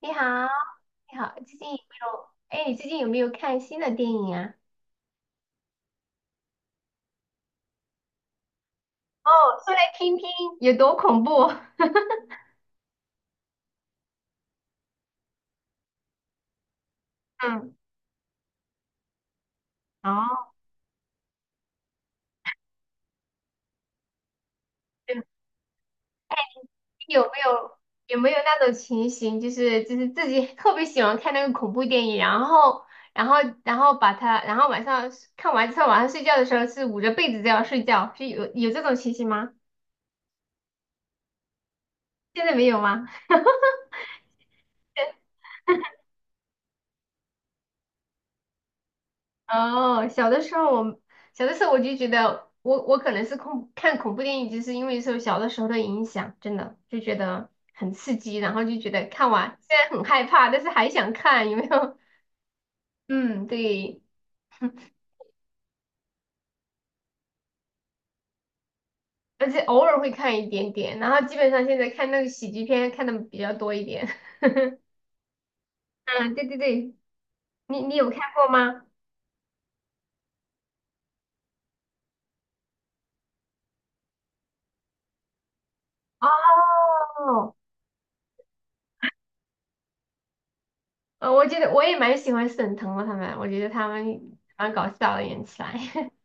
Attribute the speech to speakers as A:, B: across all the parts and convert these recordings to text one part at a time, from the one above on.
A: 你好，你好，最近有没有？哎，你最近有没有看新的电影啊？哦，说来听听，有多恐怖？嗯，哦，嗯有没有有没有那种情形，就是自己 特别喜欢看那个恐怖电影，然后然后把它，然后晚上看完之后，晚上睡觉的时候是捂着被子这样睡觉，是有这种情形吗？现在没有吗？哦，小的时候我就觉得我可能是恐看恐怖电影，就是因为受小的时候的影响，真的就觉得很刺激，然后就觉得看完虽然很害怕，但是还想看，有没有？嗯，对，而且偶尔会看一点点，然后基本上现在看那个喜剧片看的比较多一点。嗯，对对对，你有看过吗？哦，我觉得我也蛮喜欢沈腾的他们，我觉得他们蛮搞笑的演起来。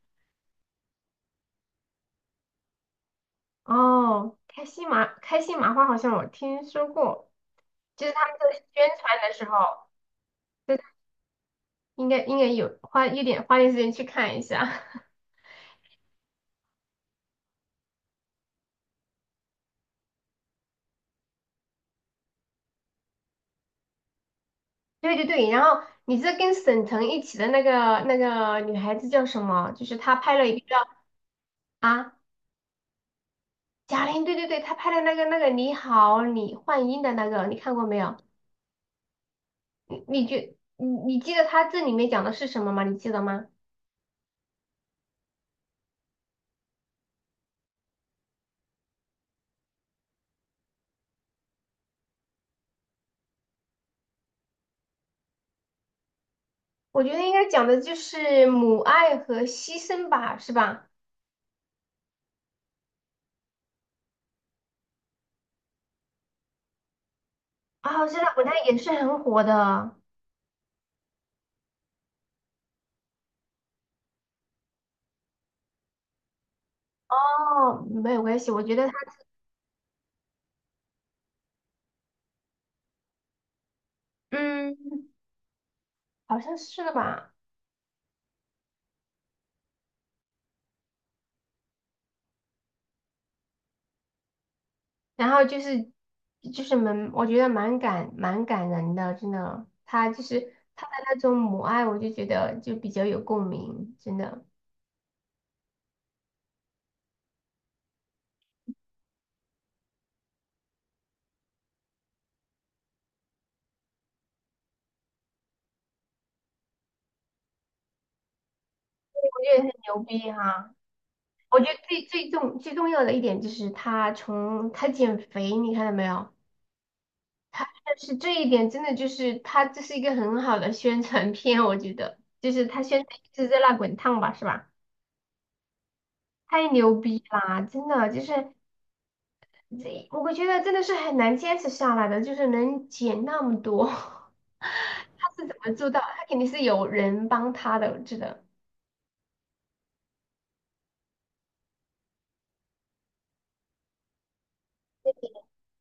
A: 哦，开心麻花好像我听说过，就是他们在宣传的时候，对，应该有花点时间去看一下。对对对，然后你这跟沈腾一起的那个女孩子叫什么？就是她拍了一个叫啊贾玲，对对对，她拍的那个你好李焕英的那个，你看过没有？你你觉你你记得她这里面讲的是什么吗？你记得吗？我觉得应该讲的就是母爱和牺牲吧，是吧？啊，现在国它也是很火的。哦，没有关系，我觉得他，嗯好像是吧。然后就是就是蛮，我觉得蛮感人的，真的。他就是他的那种母爱，我就觉得就比较有共鸣，真的，我觉得很牛逼哈。我觉得最重要的一点就是他从他减肥，你看到没有？但是这一点真的就是他这是一个很好的宣传片，我觉得就是他宣传一直在那滚烫吧，是吧？太牛逼啦！真的就是这，我觉得真的是很难坚持下来的，就是能减那么多，他是怎么做到？他肯定是有人帮他的，真的。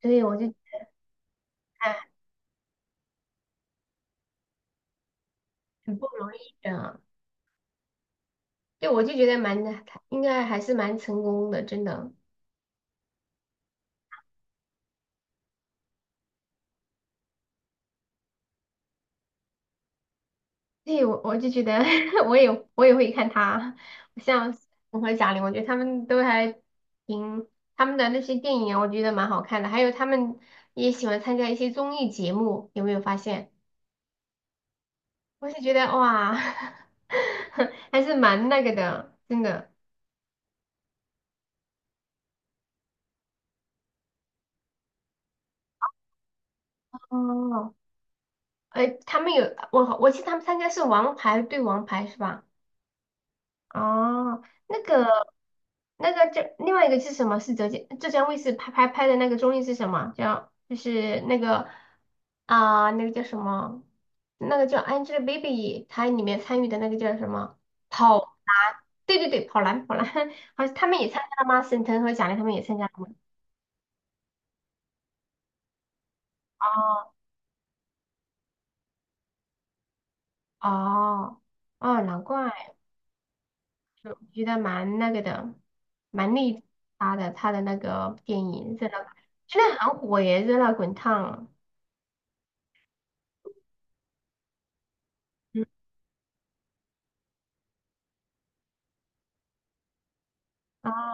A: 所以我就哎，很不容易的。对，我就觉得蛮，应该还是蛮成功的，真的。对，我就觉得 我也我也会看他，像我和贾玲，我觉得他们都还挺他们的那些电影啊我觉得蛮好看的。还有他们也喜欢参加一些综艺节目，有没有发现？我是觉得哇，还是蛮那个的，真的。哦，哎，他们有我记得他们参加是《王牌对王牌》是吧？哦，那个那个这另外一个是什么？是浙江卫视拍的那个综艺是什么？叫就是那个啊、那个叫什么？那个叫 Angelababy，她里面参与的那个叫什么？跑男，对对对，跑男跑男，好像他们也参加了吗？沈腾和贾玲他们也参加了吗？哦哦哦，难怪。我觉得蛮那个的，蛮内他的那个电影《热辣》，现在很火耶，《热辣滚烫》嗯，啊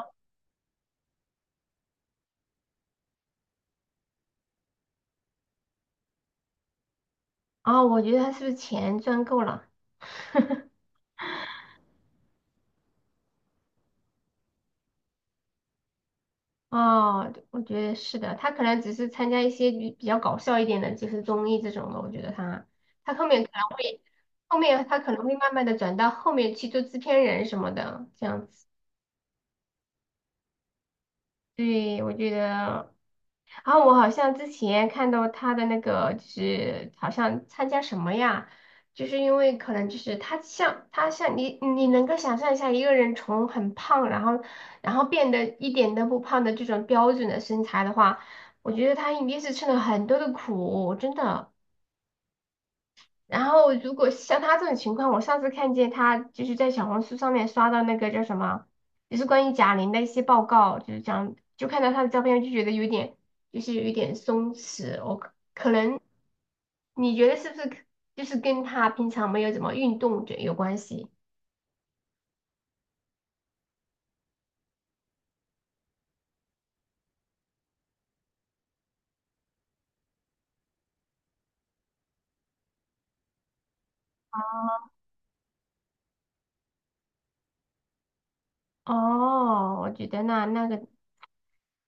A: 啊！我觉得他是不是钱赚够了？哦，我觉得是的，他可能只是参加一些比较搞笑一点的，就是综艺这种的。我觉得他他后面可能会，后面他可能会慢慢的转到后面去做制片人什么的，这样子。对，我觉得。然后我好像之前看到他的那个，就是好像参加什么呀？就是因为可能就是他像你，你能够想象一下一个人从很胖，然后然后变得一点都不胖的这种标准的身材的话，我觉得他一定是吃了很多的苦，真的。然后如果像他这种情况，我上次看见他就是在小红书上面刷到那个叫什么，就是关于贾玲的一些报告，就是讲就看到他的照片就觉得有点就是有一点松弛，我可能你觉得是不是可就是跟他平常没有怎么运动这有关系？哦，我觉得那那个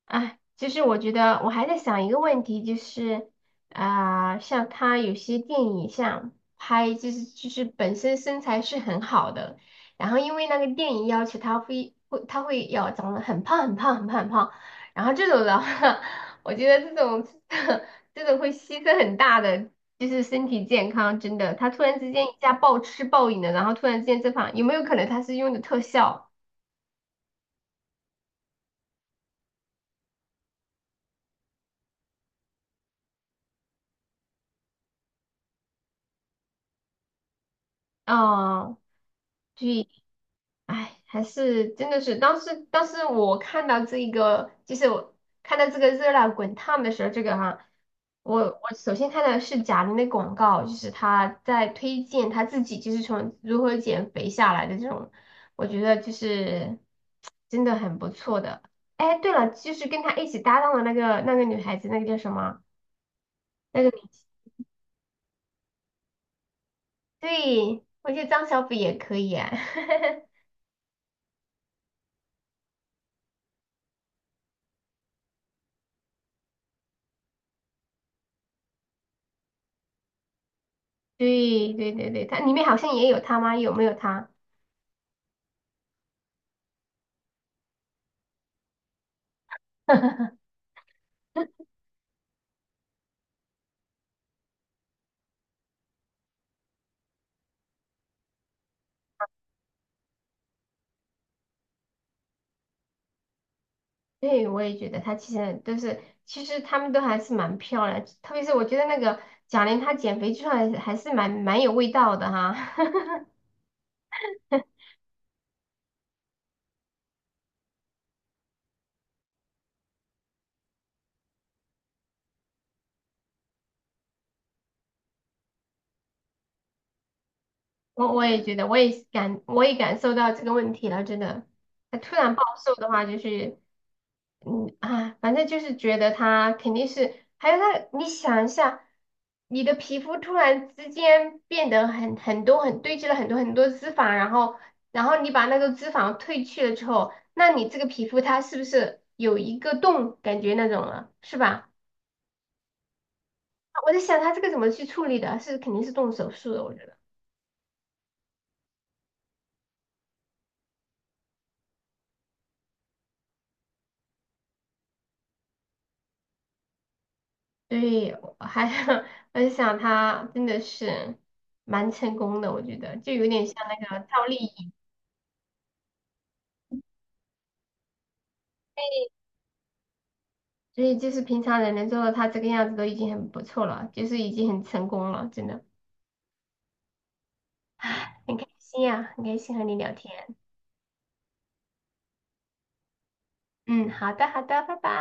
A: 啊，其实我觉得我还在想一个问题，就是啊、像他有些电影像拍，就是就是本身身材是很好的，然后因为那个电影要求他会要长得很胖，然后这种的话，我觉得这种 这种会牺牲很大的，就是身体健康，真的，他突然之间一下暴吃暴饮的，然后突然之间这胖，有没有可能他是用的特效啊？对哎，还是真的是，当时我看到这一个，就是我看到这个热辣滚烫的时候，这个哈，我首先看到的是贾玲的广告，就是她在推荐她自己，就是从如何减肥下来的这种，我觉得就是真的很不错的。哎，对了，就是跟她一起搭档的那个女孩子，那个叫什么？那个女对，我觉得张小斐也可以啊。对对对对，她里面好像也有她吗？有没有她？对，我也觉得她其实都是，其实她们都还是蛮漂亮，特别是我觉得那个贾玲她减肥之后还是蛮有味道的哈。我也觉得，我也感受到这个问题了，真的，她突然暴瘦的话，就是嗯啊，反正就是觉得它肯定是，还有它，你想一下，你的皮肤突然之间变得很多,堆积了很多很多脂肪，然后然后你把那个脂肪褪去了之后，那你这个皮肤它是不是有一个洞感觉那种了，是吧？我在想它这个怎么去处理的，是肯定是动手术的，我觉得。对，我还 我在想它真的是蛮成功的，我觉得就有点像那个赵丽颖。所以就是平常人能做到他这个样子都已经很不错了，就是已经很成功了，真的，唉，很开心呀、很开心和你聊天。嗯，好的，好的，拜拜。